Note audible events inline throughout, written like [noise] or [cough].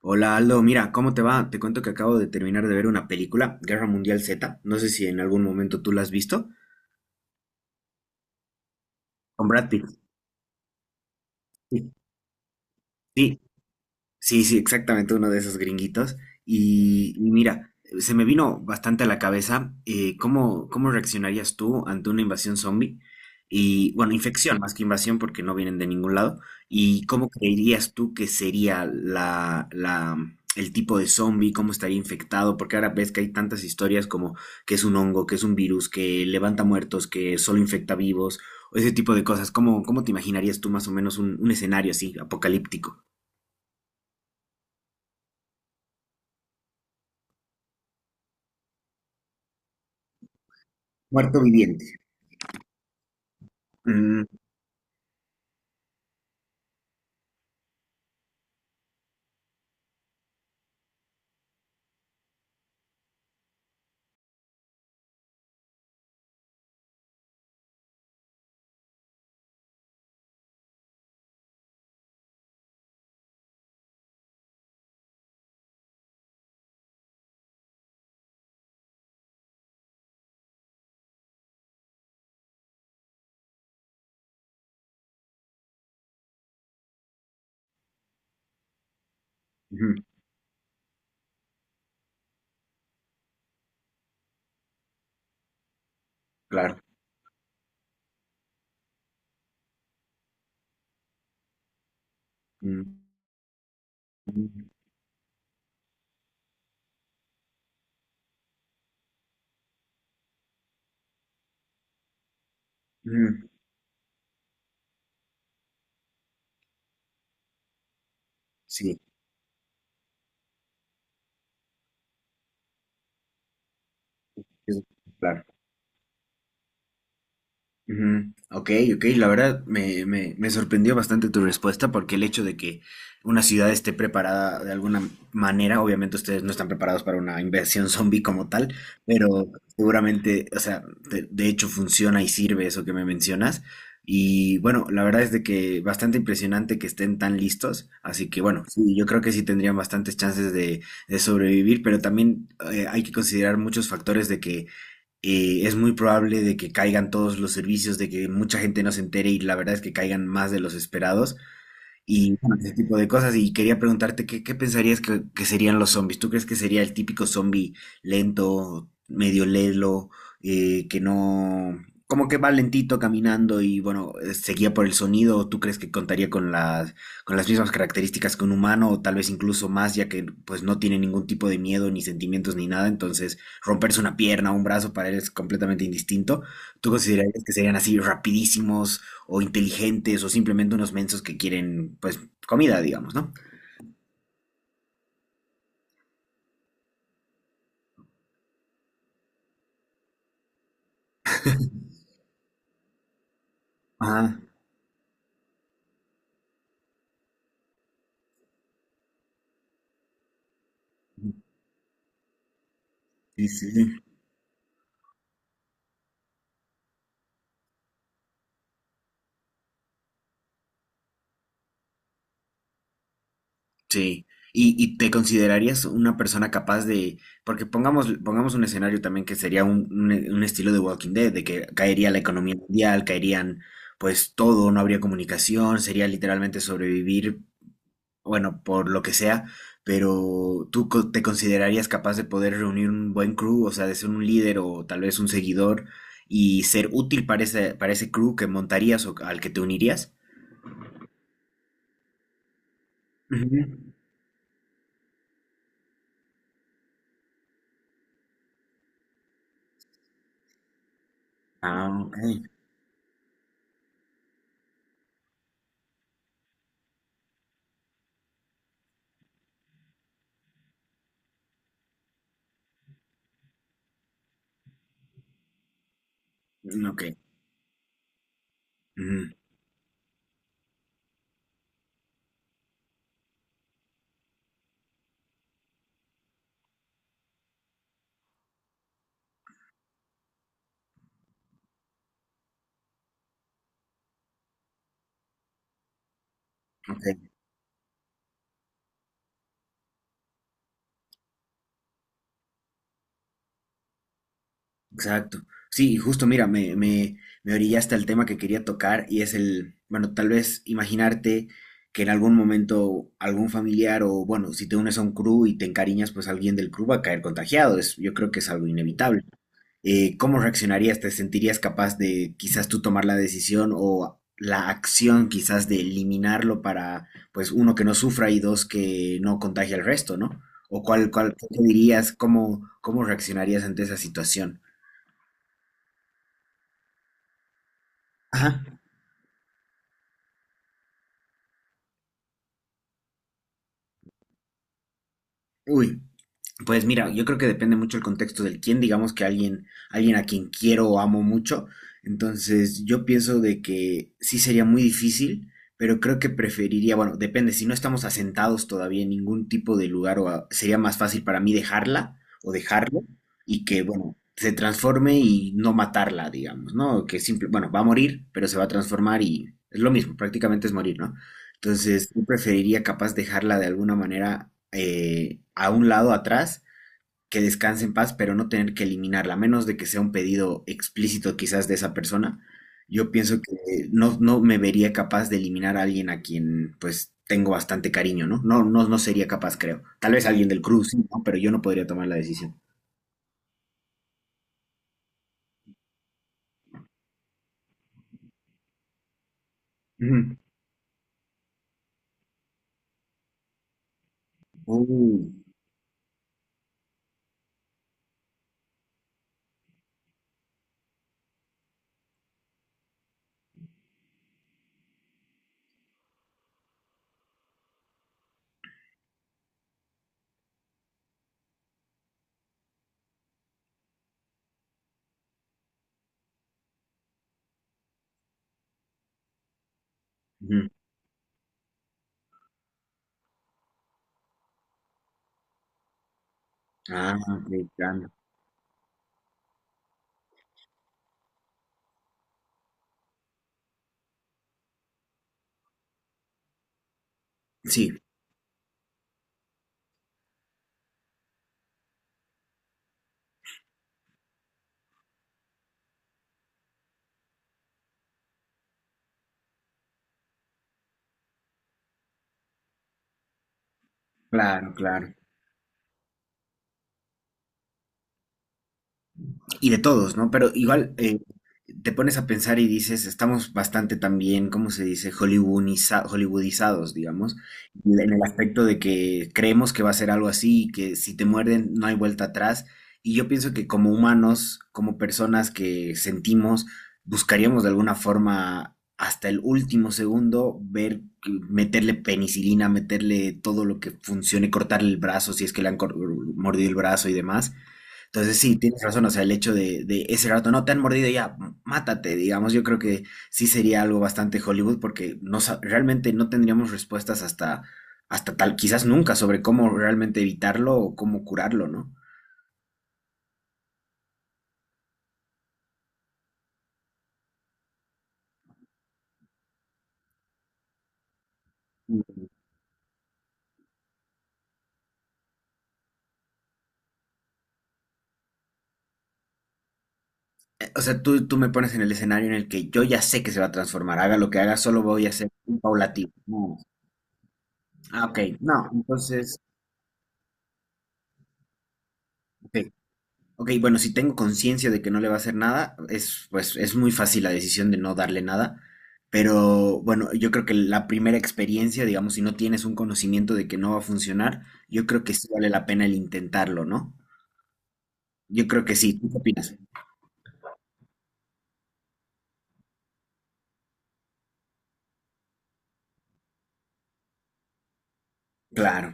Hola Aldo, mira, ¿cómo te va? Te cuento que acabo de terminar de ver una película, Guerra Mundial Z. No sé si en algún momento tú la has visto. Con Brad Pitt. Sí, sí. Sí, sí, exactamente uno de esos gringuitos. Y mira, se me vino bastante a la cabeza cómo, ¿cómo reaccionarías tú ante una invasión zombie? Y bueno, infección más que invasión porque no vienen de ningún lado. ¿Y cómo creerías tú que sería el tipo de zombie? ¿Cómo estaría infectado? Porque ahora ves que hay tantas historias como que es un hongo, que es un virus, que levanta muertos, que solo infecta vivos, o ese tipo de cosas. ¿Cómo, cómo te imaginarías tú más o menos un escenario así, apocalíptico? Muerto viviente. Mm, ujú, claro. Mm, mm, mm, sí, es- claro. Ujú. Ok, ok, la verdad me sorprendió bastante tu respuesta porque el hecho de que una ciudad esté preparada de alguna manera, obviamente ustedes no están preparados para una inversión [laughs] zombie como tal, pero seguramente, o sea, de hecho funciona y sirve eso que me mencionas. Y bueno, la verdad es de que bastante impresionante que estén tan listos, así que bueno, sí, yo creo que sí tendrían bastantes chances de sobrevivir, pero también hay que considerar muchos factores de que es muy probable de que caigan todos los servicios, de que mucha gente no se entere y la verdad es que caigan más de los esperados y bueno, ese tipo de cosas. Y quería preguntarte, ¿qué, qué pensarías que serían los zombies? ¿Tú crees que sería el típico zombie lento, medio lelo, que no, como que va lentito caminando y bueno, seguía por el sonido? ¿O tú crees que contaría con las mismas características que un humano o tal vez incluso más, ya que pues no tiene ningún tipo de miedo ni sentimientos ni nada? Entonces, romperse una pierna o un brazo para él es completamente indistinto. ¿Tú considerarías que serían así rapidísimos, o inteligentes o simplemente unos mensos que quieren, pues, comida, digamos, ¿no? Ah, sí, sí. Sí. Y te considerarías una persona capaz de, porque pongamos, pongamos un escenario también que sería un estilo de Walking Dead, de que caería la economía mundial, caerían pues todo, no habría comunicación, sería literalmente sobrevivir bueno, por lo que sea, pero ¿ te considerarías capaz de poder reunir un buen crew, o sea, de ser un líder o tal vez un seguidor y ser útil para ese crew que montarías o al que te unirías? Ujú. Ah, ok. Mm, ok. Ujú, ok. Exacto. Sí, y justo mira, me orillaste al tema que quería tocar y es el, bueno, tal vez imaginarte que en algún momento algún familiar o, bueno, si te unes a un crew y te encariñas, pues alguien del crew va a caer contagiado. Es, yo creo que es algo inevitable. ¿Cómo reaccionarías? ¿Te sentirías capaz de quizás tú tomar la decisión o la acción quizás de eliminarlo para, pues, uno, que no sufra y dos, que no contagie al resto, ¿no? ¿O cuál, cuál, qué te dirías? ¿Cómo, cómo reaccionarías ante esa situación? Ajá. Uy, pues mira, yo creo que depende mucho el contexto del quién, digamos que alguien, alguien a quien quiero o amo mucho. Entonces, yo pienso de que sí sería muy difícil, pero creo que preferiría, bueno, depende, si no estamos asentados todavía en ningún tipo de lugar, sería más fácil para mí dejarla o dejarlo y que, bueno, se transforme y no matarla, digamos, ¿no? Que simple, bueno, va a morir, pero se va a transformar y es lo mismo, prácticamente es morir, ¿no? Entonces, yo preferiría capaz dejarla de alguna manera a un lado atrás, que descanse en paz, pero no tener que eliminarla, a menos de que sea un pedido explícito quizás de esa persona. Yo pienso que no, no me vería capaz de eliminar a alguien a quien pues tengo bastante cariño, ¿no? No, no, no sería capaz, creo. Tal vez alguien del cruz, sí, ¿no? Pero yo no podría tomar la decisión. Ujú. Uh, ujú. Ah, ok, claro. Sí, claro, claro. Y de todos, ¿no? Pero igual te pones a pensar y dices, estamos bastante también, ¿cómo se dice? Hollywoodizados, digamos, en el aspecto de que creemos que va a ser algo así y que si te muerden no hay vuelta atrás. Y yo pienso que como humanos, como personas que sentimos, buscaríamos de alguna forma hasta el último segundo ver, meterle penicilina, meterle todo lo que funcione, cortarle el brazo si es que mordido el brazo y demás, entonces sí, tienes razón, o sea, el hecho de ese rato no te han mordido ya, mátate, digamos, yo creo que sí sería algo bastante Hollywood porque no, realmente no tendríamos respuestas hasta, hasta tal, quizás nunca, sobre cómo realmente evitarlo o cómo curarlo, ¿no? Mm. O sea, tú me pones en el escenario en el que yo ya sé que se va a transformar, haga lo que haga, solo voy a hacer un paulatino. No. Ah, ok, no, entonces, ok, ok, bueno, si tengo conciencia de que no le va a hacer nada, es, pues, es muy fácil la decisión de no darle nada. Pero bueno, yo creo que la primera experiencia, digamos, si no tienes un conocimiento de que no va a funcionar, yo creo que sí vale la pena el intentarlo, ¿no? Yo creo que sí. ¿Tú qué opinas? Claro,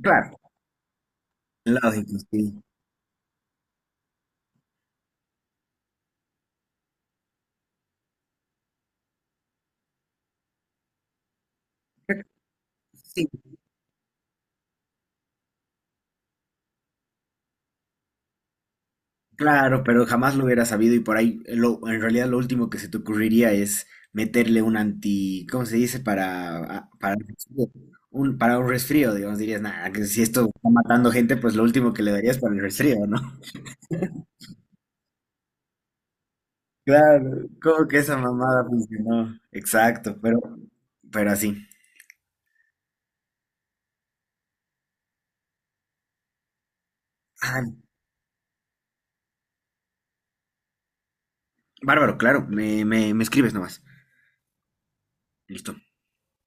claro. Lógico, sí. Sí, claro, pero jamás lo hubiera sabido y por ahí en realidad lo último que se te ocurriría es meterle un anti, ¿cómo se dice? Para un resfrío, digamos, dirías, nada, que si esto está matando gente, pues lo último que le darías para el resfrío, ¿no? [laughs] Claro, como que esa mamada funcionó. Exacto, pero así. Ah, bárbaro, claro, me escribes nomás. Listo.